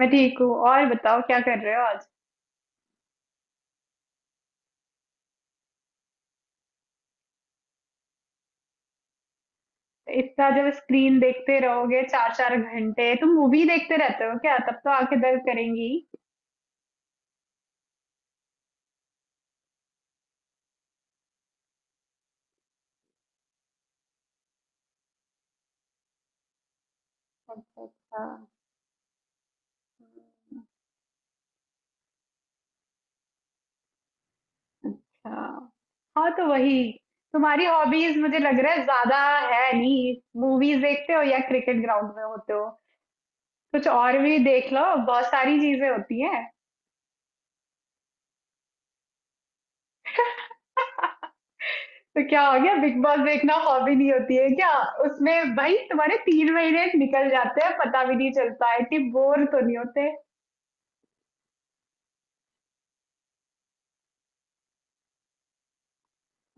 मैं ठीक हूँ। और बताओ क्या कर रहे हो आज। इतना जब स्क्रीन देखते रहोगे चार चार घंटे, तुम मूवी देखते रहते हो क्या? तब तो आंखें दर्द करेंगी। अच्छा अच्छा। हाँ। हाँ तो वही, तुम्हारी हॉबीज मुझे लग रहा है ज्यादा है नहीं। मूवीज देखते हो या क्रिकेट ग्राउंड में होते हो। कुछ और भी देख लो, बहुत सारी चीजें होती हैं। तो क्या हो गया, बिग बॉस देखना हॉबी नहीं होती है क्या। उसमें भाई तुम्हारे 3 महीने निकल जाते हैं, पता भी नहीं चलता है कि बोर तो नहीं होते।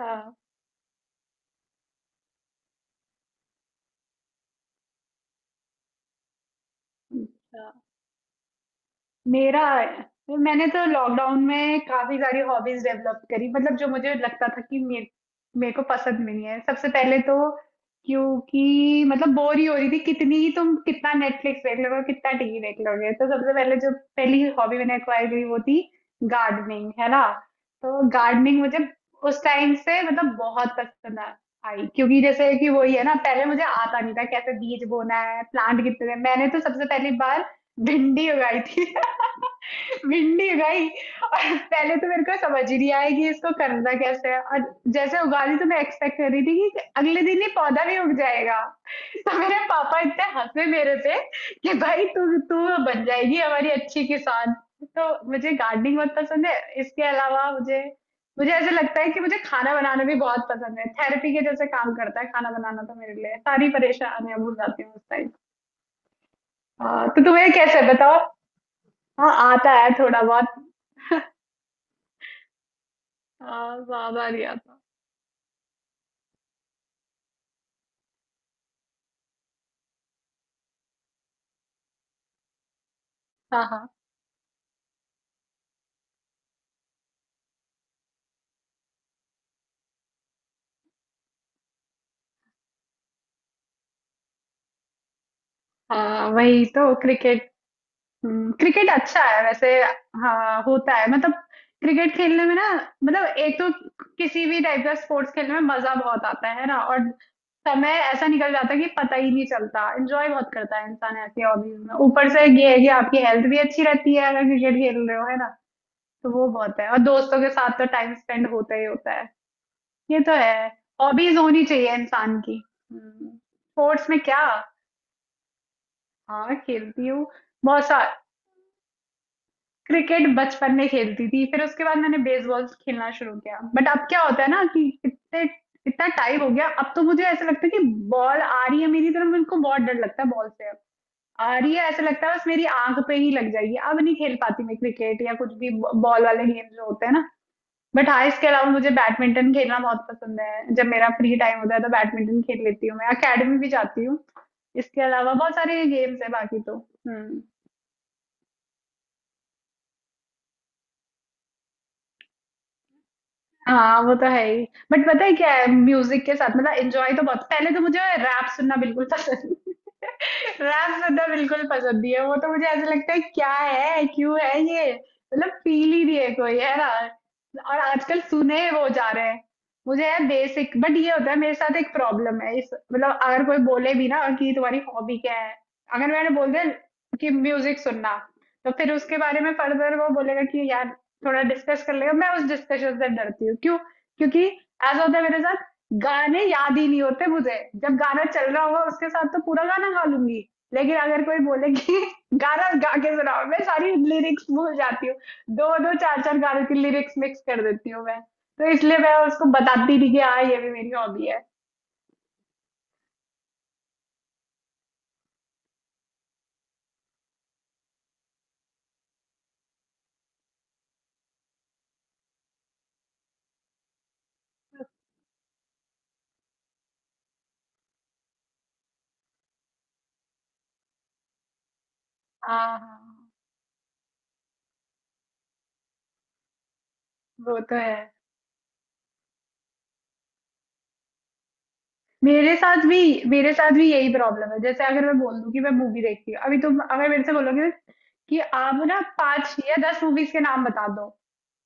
हाँ। हुँ। हाँ। मेरा मैंने तो लॉकडाउन में काफी सारी हॉबीज डेवलप करी। मतलब जो मुझे लगता था कि मेरे मेरे को पसंद भी नहीं है सबसे पहले तो, क्योंकि मतलब बोर ही हो रही थी। कितनी ही तुम कितना नेटफ्लिक्स देख लोगे, कितना टीवी देख लोगे। तो सबसे पहले जो पहली हॉबी मैंने एक्वायर करी वो थी गार्डनिंग, है ना। तो गार्डनिंग मुझे उस टाइम से मतलब बहुत पसंद आई, क्योंकि जैसे कि वही है ना, पहले मुझे आता नहीं था कैसे बीज बोना है, प्लांट कितने। मैंने तो सबसे पहली बार भिंडी उगाई थी। भिंडी भाई। और पहले तो मेरे को समझ ही नहीं आया कि इसको करना कैसे है। और जैसे उगा ली तो मैं एक्सपेक्ट कर रही थी कि अगले दिन ही पौधा भी उग जाएगा। तो मेरे पापा इतने हंसे मेरे पे कि भाई तू तू बन जाएगी हमारी अच्छी किसान। तो मुझे गार्डनिंग बहुत पसंद है। इसके अलावा मुझे मुझे ऐसा लगता है कि मुझे खाना बनाना भी बहुत पसंद है। थेरेपी के जैसे काम करता है खाना बनाना तो मेरे लिए, सारी परेशानियां भूल जाती हूँ उस टाइम। तो तुम्हें कैसे बताओ। हाँ आता है थोड़ा बहुत। हाँ ज्यादा लिया था। हाँ हाँ। हाँ वही तो क्रिकेट। क्रिकेट अच्छा है वैसे। हाँ होता है मतलब, क्रिकेट खेलने में ना, मतलब एक तो किसी भी टाइप का स्पोर्ट्स खेलने में मजा बहुत आता है ना। और समय ऐसा निकल जाता है कि पता ही नहीं चलता। एंजॉय बहुत करता है इंसान ऐसी हॉबीज में। ऊपर से ये है कि आपकी हेल्थ भी अच्छी रहती है अगर क्रिकेट खेल रहे हो, है ना। तो वो बहुत है। और दोस्तों के साथ तो टाइम स्पेंड होता ही होता है। ये तो है, हॉबीज होनी चाहिए इंसान की। स्पोर्ट्स में क्या। हाँ खेलती हूँ। बहुत सा क्रिकेट बचपन में खेलती थी। फिर उसके बाद मैंने बेसबॉल खेलना शुरू किया। बट अब क्या होता है ना कि इतने इतना टाइम हो गया अब, तो मुझे ऐसा लगता है कि बॉल आ रही है मेरी तरफ, मेरे को बहुत डर लगता है बॉल से अब। आ रही है ऐसा लगता है बस मेरी आंख पे ही लग जाएगी। अब नहीं खेल पाती मैं क्रिकेट या कुछ भी बॉल वाले गेम जो होते हैं ना। बट हाँ इसके अलावा मुझे बैडमिंटन खेलना बहुत पसंद है। जब मेरा फ्री टाइम होता है तो बैडमिंटन खेल लेती हूँ, मैं अकेडमी भी जाती हूँ। इसके अलावा बहुत सारे गेम्स है बाकी तो। हम्म। हाँ वो तो है ही। बट पता है क्या है म्यूजिक के साथ, मतलब एंजॉय तो बहुत, पहले तो मुझे रैप सुनना बिल्कुल पसंद रैप सुनना बिल्कुल पसंद नहीं है। वो तो मुझे ऐसा लगता है क्या है, क्यों है ये, मतलब फील ही नहीं है कोई, है ना। और आजकल सुने वो जा रहे हैं, मुझे है बेसिक। बट ये होता है मेरे साथ एक प्रॉब्लम है इस, मतलब अगर कोई बोले भी ना कि तुम्हारी हॉबी क्या है, अगर मैंने बोल दिया कि म्यूजिक सुनना, तो फिर उसके बारे में फर्दर वो बोलेगा कि यार थोड़ा डिस्कस कर लेगा। मैं उस डिस्कशन से डरती हूँ, क्यों? क्योंकि ऐसा होता है मेरे साथ, गाने याद ही नहीं होते मुझे। जब गाना चल रहा होगा उसके साथ तो पूरा गाना गा लूंगी, लेकिन अगर कोई बोले कि गाना गा के सुनाओ, मैं सारी लिरिक्स भूल जाती हूँ। दो दो चार चार गानों की लिरिक्स मिक्स कर देती हूँ मैं। तो इसलिए मैं उसको बताती नहीं कि हाँ ये भी मेरी हॉबी है। हाँ हाँ, वो तो है। मेरे साथ भी मेरे साथ भी यही प्रॉब्लम है। जैसे अगर मैं बोल दूं कि मैं मूवी देखती हूँ, अभी तुम अगर मेरे से बोलोगे कि आप ना 5 या 10 मूवीज के नाम बता दो,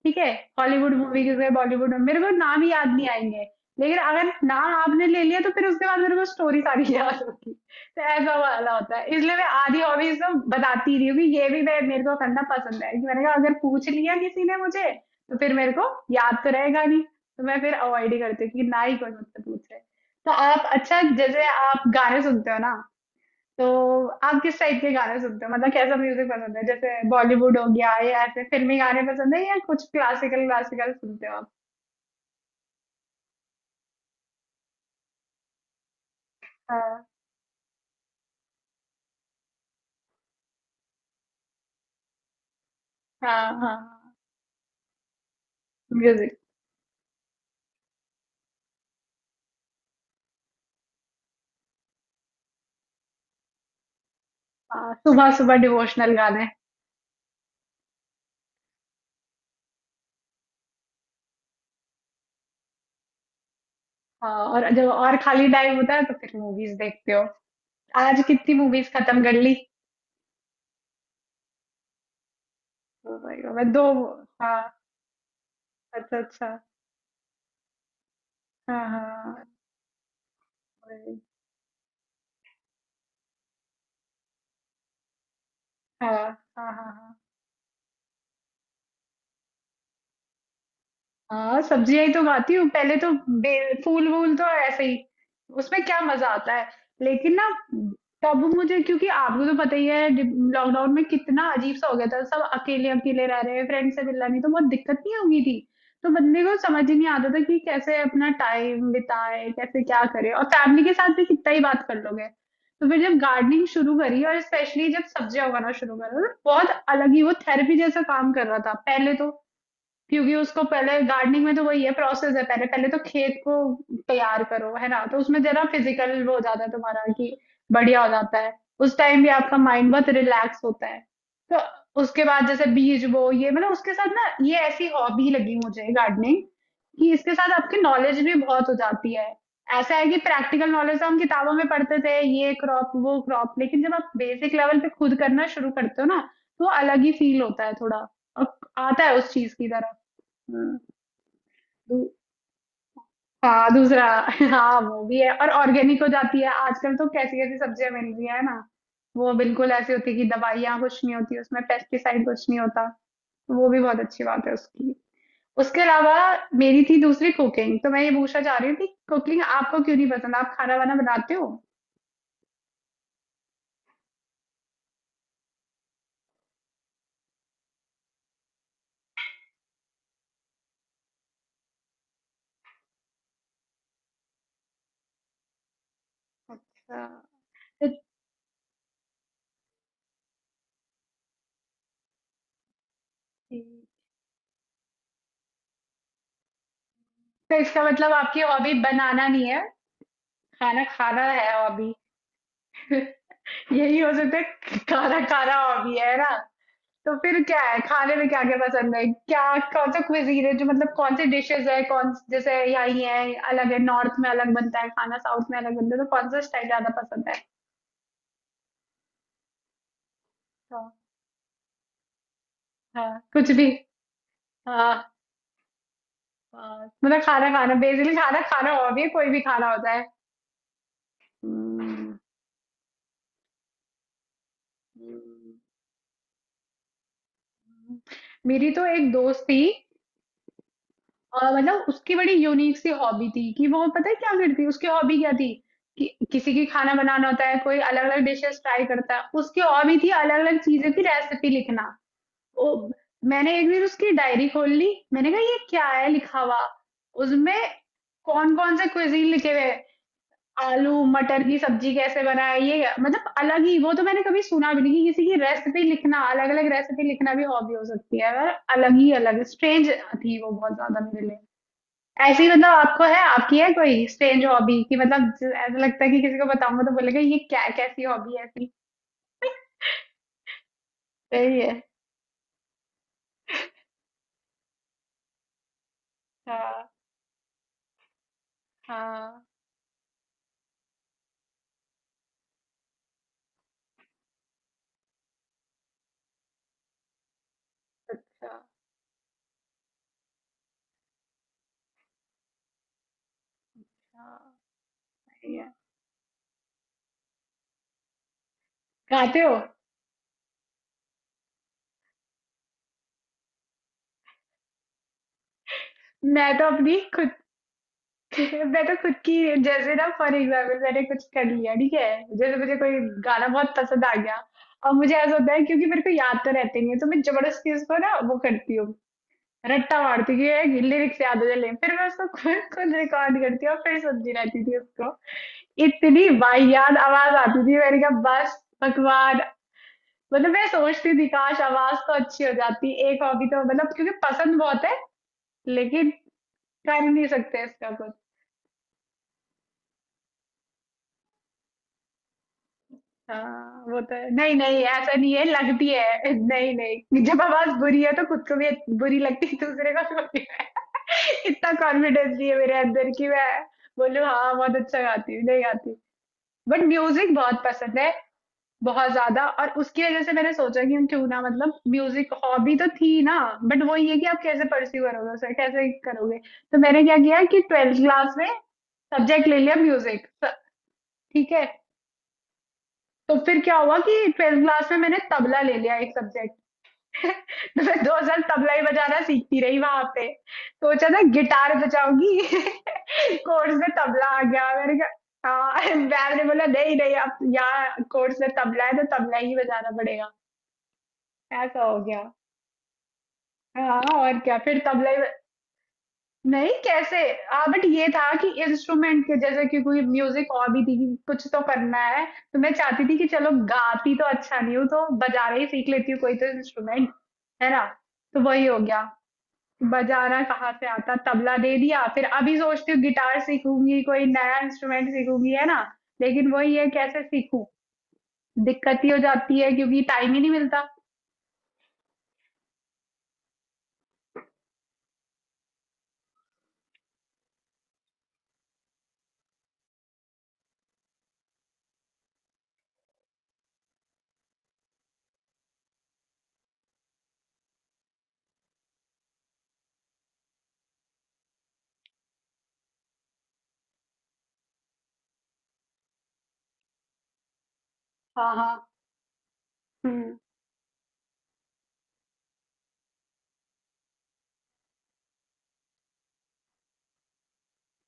ठीक है, हॉलीवुड मूवीज है बॉलीवुड, मेरे को नाम ही याद नहीं आएंगे। लेकिन अगर नाम आपने ले लिया तो फिर उसके बाद मेरे को स्टोरी सारी याद होगी। तो ऐसा वाला होता है, इसलिए मैं आधी हॉबीज ना बताती ही रही हूँ कि ये भी मैं मेरे को करना पसंद है। कि मैंने कहा अगर पूछ लिया किसी ने मुझे तो फिर मेरे को याद तो रहेगा नहीं। तो मैं फिर अवॉइड ही करती हूँ कि ना ही कोई मुझसे पूछे। तो आप, अच्छा जैसे आप गाने सुनते हो ना, तो आप किस टाइप के गाने सुनते हो? मतलब कैसा म्यूजिक पसंद है, जैसे बॉलीवुड हो गया या ऐसे फिल्मी गाने पसंद है, या कुछ क्लासिकल क्लासिकल सुनते हो आप? हाँ। हाँ हाँ। म्यूजिक। हाँ सुबह सुबह डिवोशनल गाने। हाँ और जब और खाली टाइम होता है तो फिर मूवीज देखते हो। आज कितनी मूवीज खत्म कर ली? Oh my God, मैं दो। हाँ। अच्छा अच्छा। हाँ हाँ। हाँ हाँ। हाँ हाँ। हाँ सब्जियां ही तो खाती हूँ पहले तो। फूल वूल तो ऐसे ही, उसमें क्या मजा आता है। लेकिन ना, तब मुझे, क्योंकि आपको तो पता ही है लॉकडाउन में कितना अजीब सा हो गया था। सब अकेले अकेले रह रहे हैं, फ्रेंड से मिलना नहीं, तो बहुत दिक्कत नहीं होगी थी। तो बंदे को समझ ही नहीं आता था कि कैसे अपना टाइम बिताए, कैसे क्या करे। और फैमिली के साथ भी कितना ही बात कर लोगे। तो फिर जब गार्डनिंग शुरू करी और स्पेशली जब सब्जियां उगाना शुरू करा, तो बहुत अलग ही, वो थेरेपी जैसा काम कर रहा था पहले तो। क्योंकि उसको पहले गार्डनिंग में तो वही है प्रोसेस है, पहले पहले तो खेत को तैयार करो, है ना। तो उसमें जरा फिजिकल वो हो जाता है तुम्हारा कि बढ़िया हो जाता है। उस टाइम भी आपका माइंड बहुत रिलैक्स होता है। तो उसके बाद जैसे बीज वो ये, मतलब उसके साथ ना ये ऐसी हॉबी लगी मुझे गार्डनिंग, कि इसके साथ आपकी नॉलेज भी बहुत हो जाती है। ऐसा है कि प्रैक्टिकल नॉलेज, हम किताबों में पढ़ते थे ये क्रॉप वो क्रॉप, लेकिन जब आप बेसिक लेवल पे खुद करना शुरू करते हो ना, तो अलग ही फील होता है थोड़ा। और आता है उस चीज की तरफ। हाँ। दू- हाँ, दूसरा हाँ वो भी है। और ऑर्गेनिक हो जाती है, आजकल तो कैसी कैसी सब्जियां मिल रही है ना। वो बिल्कुल ऐसी होती है कि दवाइयाँ कुछ नहीं होती उसमें, पेस्टिसाइड कुछ नहीं होता। तो वो भी बहुत अच्छी बात है उसकी। उसके अलावा मेरी थी दूसरी कुकिंग। तो मैं ये पूछना चाह रही थी, कुकिंग आपको क्यों नहीं पसंद, आप खाना वाना बनाते हो? अच्छा। तो तो इसका मतलब आपकी हॉबी बनाना नहीं है, खाना खाना है हॉबी। यही हो सकता है खाना खाना हॉबी है ना। तो फिर क्या है, खाने में क्या क्या पसंद है, क्या कौन सा क्विजीन है जो, मतलब कौन से डिशेस है, कौन जैसे यहाँ ये है अलग है, नॉर्थ में अलग बनता है खाना, साउथ में अलग बनता है, तो कौन सा स्टाइल ज्यादा पसंद है? हाँ। हाँ कुछ भी। हाँ। हाँ मतलब खाना खाना, बेसिकली खाना खाना हो, भी कोई भी खाना होता है। हम्म, मेरी तो एक दोस्त थी, और मतलब उसकी बड़ी यूनिक सी हॉबी थी कि वो, पता है क्या करती, उसकी हॉबी क्या थी कि किसी की खाना बनाना होता है, कोई अलग अलग डिशेस ट्राई करता है, उसकी हॉबी थी अलग अलग चीजों की रेसिपी लिखना। ओ, मैंने एक दिन उसकी डायरी खोल ली। मैंने कहा ये क्या है लिखा हुआ उसमें, कौन कौन से क्विजीन लिखे हुए हैं। आलू मटर की सब्जी कैसे बनाए, ये मतलब अलग ही वो तो, मैंने कभी सुना भी नहीं कि किसी की रेसिपी लिखना, अलग अलग रेसिपी लिखना भी हॉबी हो सकती है पर। अलग ही अलग स्ट्रेंज थी वो बहुत ज्यादा मेरे लिए। ऐसी, मतलब आपको है, आपकी है कोई स्ट्रेंज हॉबी, कि मतलब जो ऐसा लगता है कि किसी को बताऊंगा तो बोलेगा ये क्या, कैसी हॉबी है ऐसी। सही है। हाँ हाँ। अच्छा। हाँ सही है। गाते हो? मैं तो अपनी खुद मैं तो खुद की, जैसे ना फॉर एग्जाम्पल मैंने कुछ कर लिया, ठीक है, जैसे मुझे कोई गाना बहुत पसंद आ गया, और मुझे ऐसा होता है क्योंकि मेरे को याद तो रहते नहीं है, तो मैं जबरदस्ती उसको ना वो करती हूँ, रट्टा मारती हूँ कि लिरिक्स याद हो जाए, ले फिर मैं उसको खुद खुद रिकॉर्ड करती हूँ और फिर सुनती रहती थी उसको। इतनी वाहियात आवाज आती थी, मैंने कहा बस भगवान, मतलब मैं सोचती थी काश आवाज तो अच्छी हो जाती, एक हॉबी तो, मतलब क्योंकि पसंद बहुत है, लेकिन कर नहीं सकते इसका कुछ। हाँ वो तो है। नहीं नहीं ऐसा नहीं है लगती है, नहीं नहीं जब आवाज बुरी है तो खुद को भी बुरी लगती है दूसरे को भी। इतना कॉन्फिडेंस नहीं है मेरे अंदर कि मैं बोलूँ हाँ बहुत अच्छा गाती हूँ, नहीं गाती। बट म्यूजिक बहुत पसंद है, बहुत ज्यादा। और उसकी वजह से मैंने सोचा कि हम क्यों ना, मतलब म्यूजिक हॉबी तो थी ना, बट वो ये कि आप कैसे परस्यू करोगे उसे, कैसे करोगे। तो मैंने क्या किया कि ट्वेल्थ क्लास में सब्जेक्ट ले लिया म्यूजिक, ठीक है। तो फिर क्या हुआ कि ट्वेल्थ क्लास में मैंने तबला ले लिया, एक सब्जेक्ट। तो मैं 2 साल तबला ही बजाना सीखती रही वहां पे। सोचा था गिटार बजाऊंगी कोर्स में तबला आ गया, मैंने कहा हाँ। मैम ने बोला नहीं नहीं, अब यहाँ कोर्स में तबला है तो तबला ही बजाना पड़ेगा। ऐसा हो गया। हाँ और क्या, फिर तबला ही। नहीं कैसे, हाँ बट ये था कि इंस्ट्रूमेंट के जैसे, कि कोई म्यूजिक और भी थी, कि कुछ तो करना है। तो मैं चाहती थी कि चलो गाती तो अच्छा नहीं हूँ, तो बजाना ही सीख लेती हूँ कोई तो इंस्ट्रूमेंट, है ना। तो वही हो गया। बजाना कहाँ से आता, तबला दे दिया। फिर अभी सोचती हूँ गिटार सीखूंगी, कोई नया इंस्ट्रूमेंट सीखूंगी, है ना। लेकिन वही है कैसे सीखूं, दिक्कत ही हो जाती है क्योंकि टाइम ही नहीं मिलता। हाँ हाँ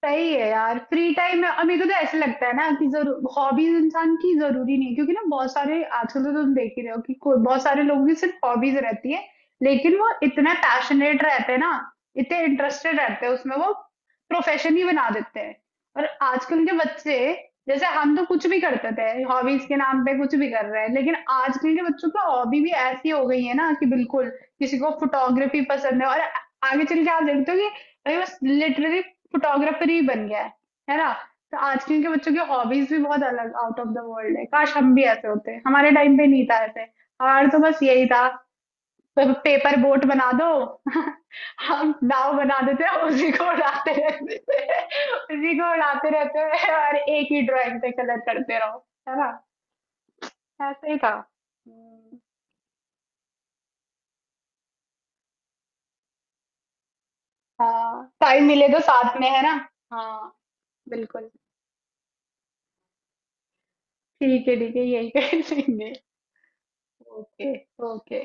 सही है यार फ्री टाइम में। और मेरे को तो ऐसे लगता है ना कि जरूर हॉबीज इंसान की जरूरी नहीं है, क्योंकि ना बहुत सारे आजकल तो तुम देख ही रहे हो कि कोई बहुत सारे लोगों की सिर्फ हॉबीज रहती है, लेकिन वो इतना पैशनेट रहते हैं ना, इतने इंटरेस्टेड रहते हैं उसमें, वो प्रोफेशन ही बना देते हैं। और आजकल के बच्चे, जैसे हम तो कुछ भी करते थे हॉबीज के नाम पे, कुछ भी कर रहे हैं, लेकिन आजकल के बच्चों की हॉबी भी ऐसी हो गई है ना कि बिल्कुल, किसी को फोटोग्राफी पसंद है और आगे चल के आप देखते हो कि भाई बस लिटरली फोटोग्राफर ही बन गया है ना। तो आजकल के बच्चों की हॉबीज भी बहुत अलग, आउट ऑफ द वर्ल्ड है। काश हम भी ऐसे होते, हमारे टाइम पे नहीं था ऐसे, हमारा तो बस यही था, पेपर बोट बना दो, हम नाव बना देते हैं, उसी को उड़ाते रहते थे, उसी को उड़ाते रहते हैं, और एक ही ड्राइंग पे कलर करते रहो, है ना। ऐसे ही था। हाँ टाइम मिले तो साथ में, है ना। हाँ बिल्कुल। ठीक है ठीक है, यही कर लेंगे। ओके। ओके।